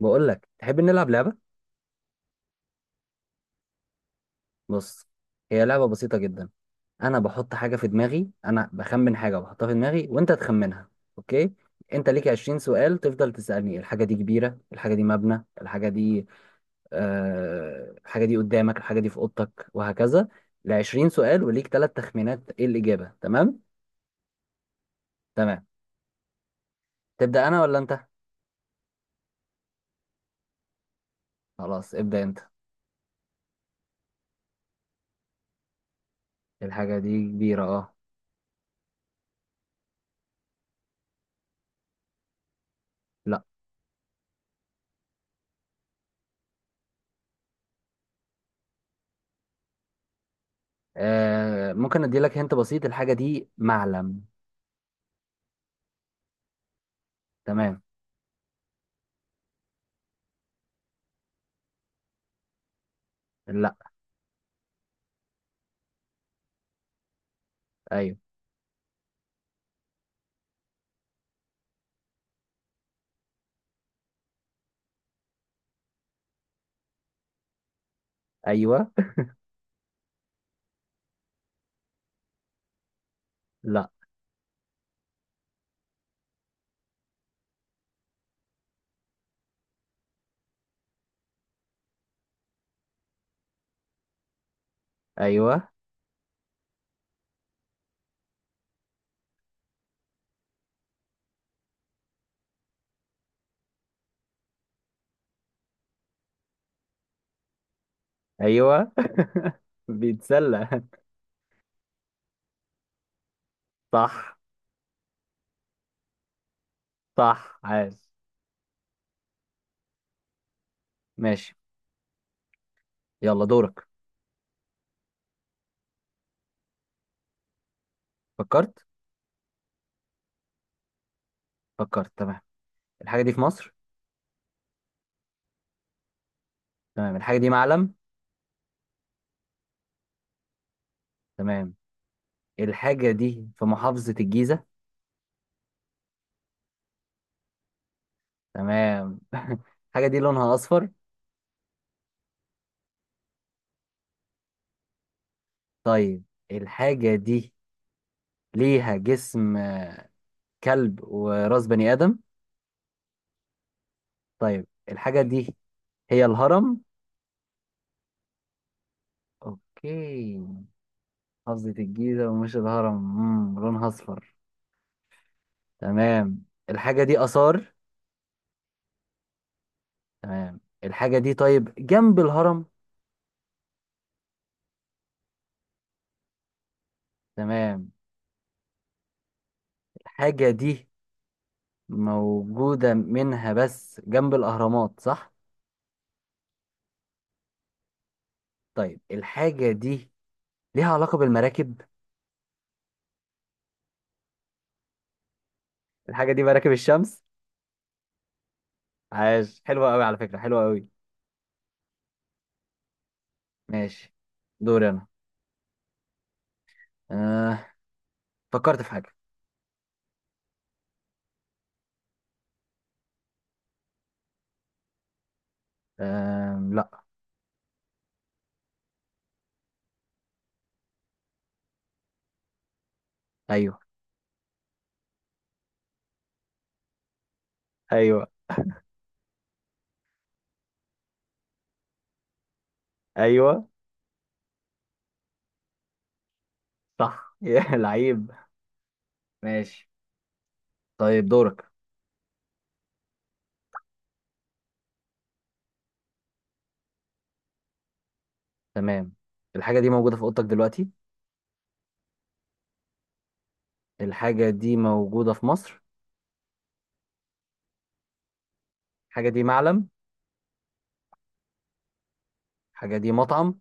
بقول لك تحب نلعب لعبة. بص، هي لعبة بسيطة جدا. انا بحط حاجة في دماغي، انا بخمن حاجة بحطها في دماغي وانت تخمنها. اوكي، انت ليك 20 سؤال، تفضل تسألني الحاجة دي كبيرة، الحاجة دي مبنى، الحاجة دي الحاجة دي قدامك، الحاجة دي في اوضتك وهكذا. ل 20 سؤال وليك ثلاث تخمينات ايه الإجابة؟ تمام. تمام، تبدأ انا ولا انت؟ خلاص ابدأ انت. الحاجة دي كبيرة، اه. لا. آه، ممكن ادي لك هنت بسيط، الحاجة دي معلم. تمام. لا. ايوه. ايوه. لا. ايوه. ايوه. بيتسلى. صح. صح، عاش. ماشي. يلا دورك. فكرت. فكرت، تمام. الحاجة دي في مصر. تمام، الحاجة دي معلم. تمام، الحاجة دي في محافظة الجيزة. تمام. الحاجة دي لونها أصفر. طيب، الحاجة دي ليها جسم كلب وراس بني آدم. طيب، الحاجة دي هي الهرم. أوكي، محافظة الجيزة ومش الهرم لونها أصفر. تمام، الحاجة دي آثار. تمام، الحاجة دي طيب جنب الهرم. تمام، الحاجة دي موجودة منها بس جنب الأهرامات، صح؟ طيب، الحاجة دي ليها علاقة بالمراكب. الحاجة دي مراكب الشمس. عاش، حلوة أوي على فكرة، حلوة أوي. ماشي. دوري أنا. آه. فكرت في حاجة. لا. أيوه. أيوه. أيوه. صح. يا لعيب. ماشي، طيب دورك. تمام، الحاجة دي موجودة في أوضتك دلوقتي. الحاجة دي موجودة في مصر. الحاجة دي معلم. الحاجة دي مطعم.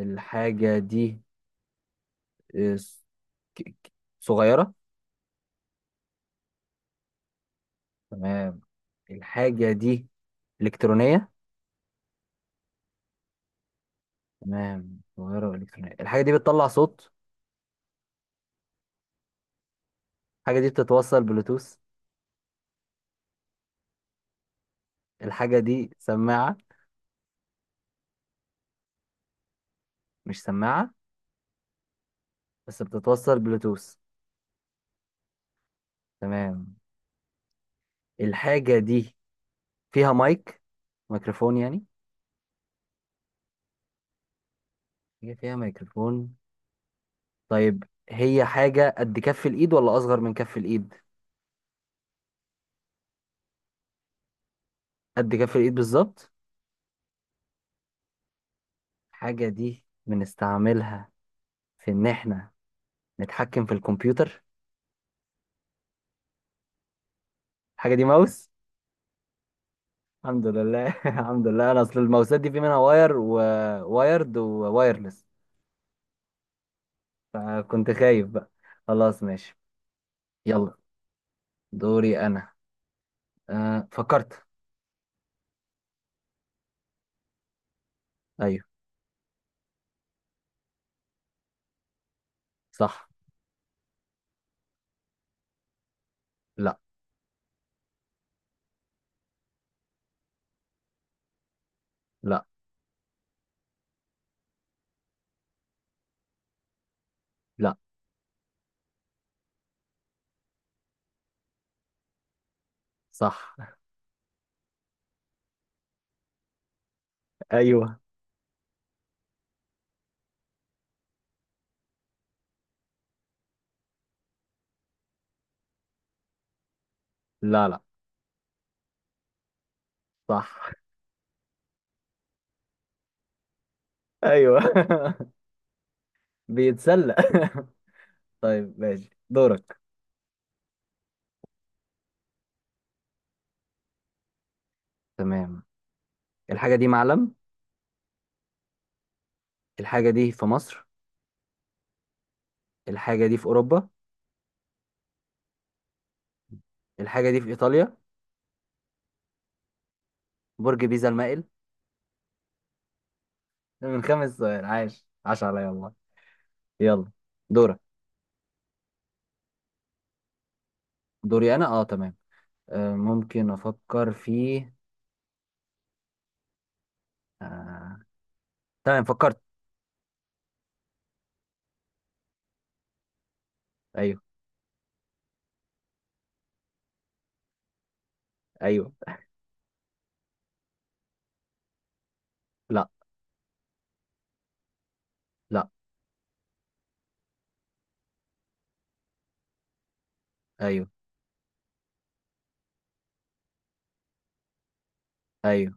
الحاجة دي آه، س- ك- ك- صغيرة. تمام، الحاجة دي إلكترونية. تمام، صغيرة وإلكترونية. الحاجة دي بتطلع صوت. الحاجة دي بتتوصل بلوتوث. الحاجة دي سماعة. مش سماعة، بس بتتوصل بلوتوث. تمام، الحاجة دي فيها مايك، ميكروفون يعني. هي فيها ميكروفون. طيب، هي حاجة قد كف الإيد ولا أصغر من كف الإيد؟ قد كف الإيد بالظبط. الحاجة دي بنستعملها في إن إحنا نتحكم في الكمبيوتر. الحاجة دي ماوس. الحمد لله. الحمد لله، أنا أصل الماوسات دي في منها واير ووايرد ووايرلس، فكنت خايف بقى. خلاص ماشي. يلا، دوري أنا. أه، فكرت. أيوه. صح. لا. لا. لا. صح. أيوه. لا. لا. صح. أيوه. بيتسلق. طيب ماشي دورك. تمام، الحاجة دي معلم. الحاجة دي في مصر. الحاجة دي في أوروبا. الحاجة دي في إيطاليا. برج بيزا المائل. ده من خمس سؤال، عاش عاش عليا والله. يلا دورك. دوري أنا، أه تمام. آه، ممكن أفكر في آه تمام، فكرت. أيوه. أيوه. لا. لا. أيوه. أيوه.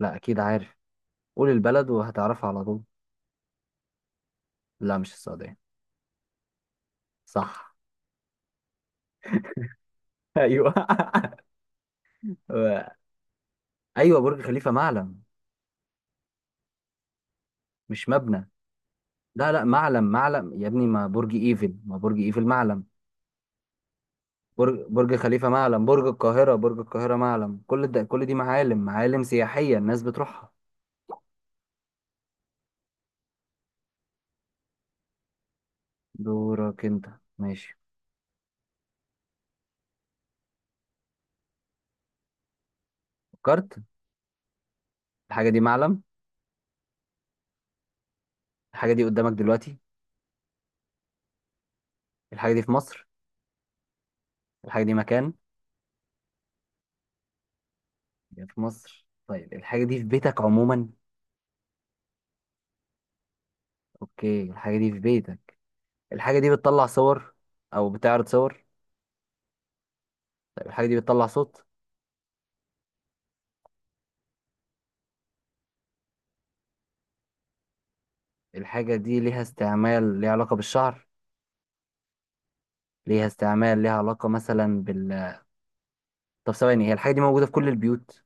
لا، أكيد عارف، قول البلد وهتعرفها على طول. لا مش السعودية. صح. أيوه. أيوه برج خليفة معلم، مش مبنى. لا لا، معلم معلم يا ابني، ما برج إيفل، ما برج إيفل معلم. برج خليفة معلم، برج القاهرة، برج القاهرة معلم، كل ده كل دي معالم، معالم سياحية الناس بتروحها. دورك انت. ماشي. فكرت. الحاجة دي معلم. الحاجة دي قدامك دلوقتي. الحاجة دي في مصر. الحاجة دي مكان. هي في مصر، طيب الحاجة دي في بيتك عموما. اوكي، الحاجة دي في بيتك. الحاجة دي بتطلع صور او بتعرض صور. طيب الحاجة دي بتطلع صوت. الحاجة دي ليها استعمال ليها علاقة بالشعر. ليها استعمال ليها علاقة مثلا بال، طب ثواني، هي الحاجة دي موجودة في كل البيوت.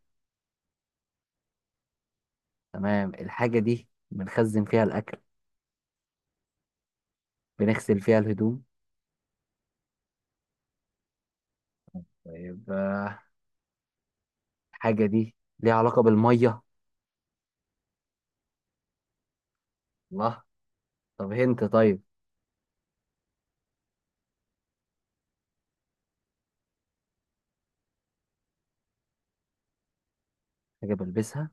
تمام، الحاجة دي بنخزن فيها الأكل. بنغسل فيها الهدوم. طيب، الحاجة دي ليها علاقة بالمية. الله. طب هنت، طيب، حاجة بلبسها،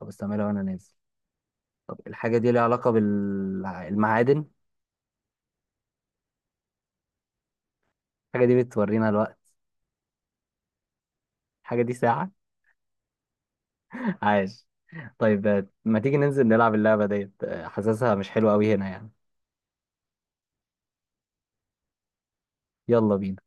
طب استعملها وأنا نازل. طب الحاجة دي ليها علاقة بالمعادن. الحاجة دي بتورينا الوقت. الحاجة دي ساعة. عاش. طيب، ما تيجي ننزل نلعب اللعبة ديت؟ حاسسها مش حلوة أوي هنا يعني. يلا بينا.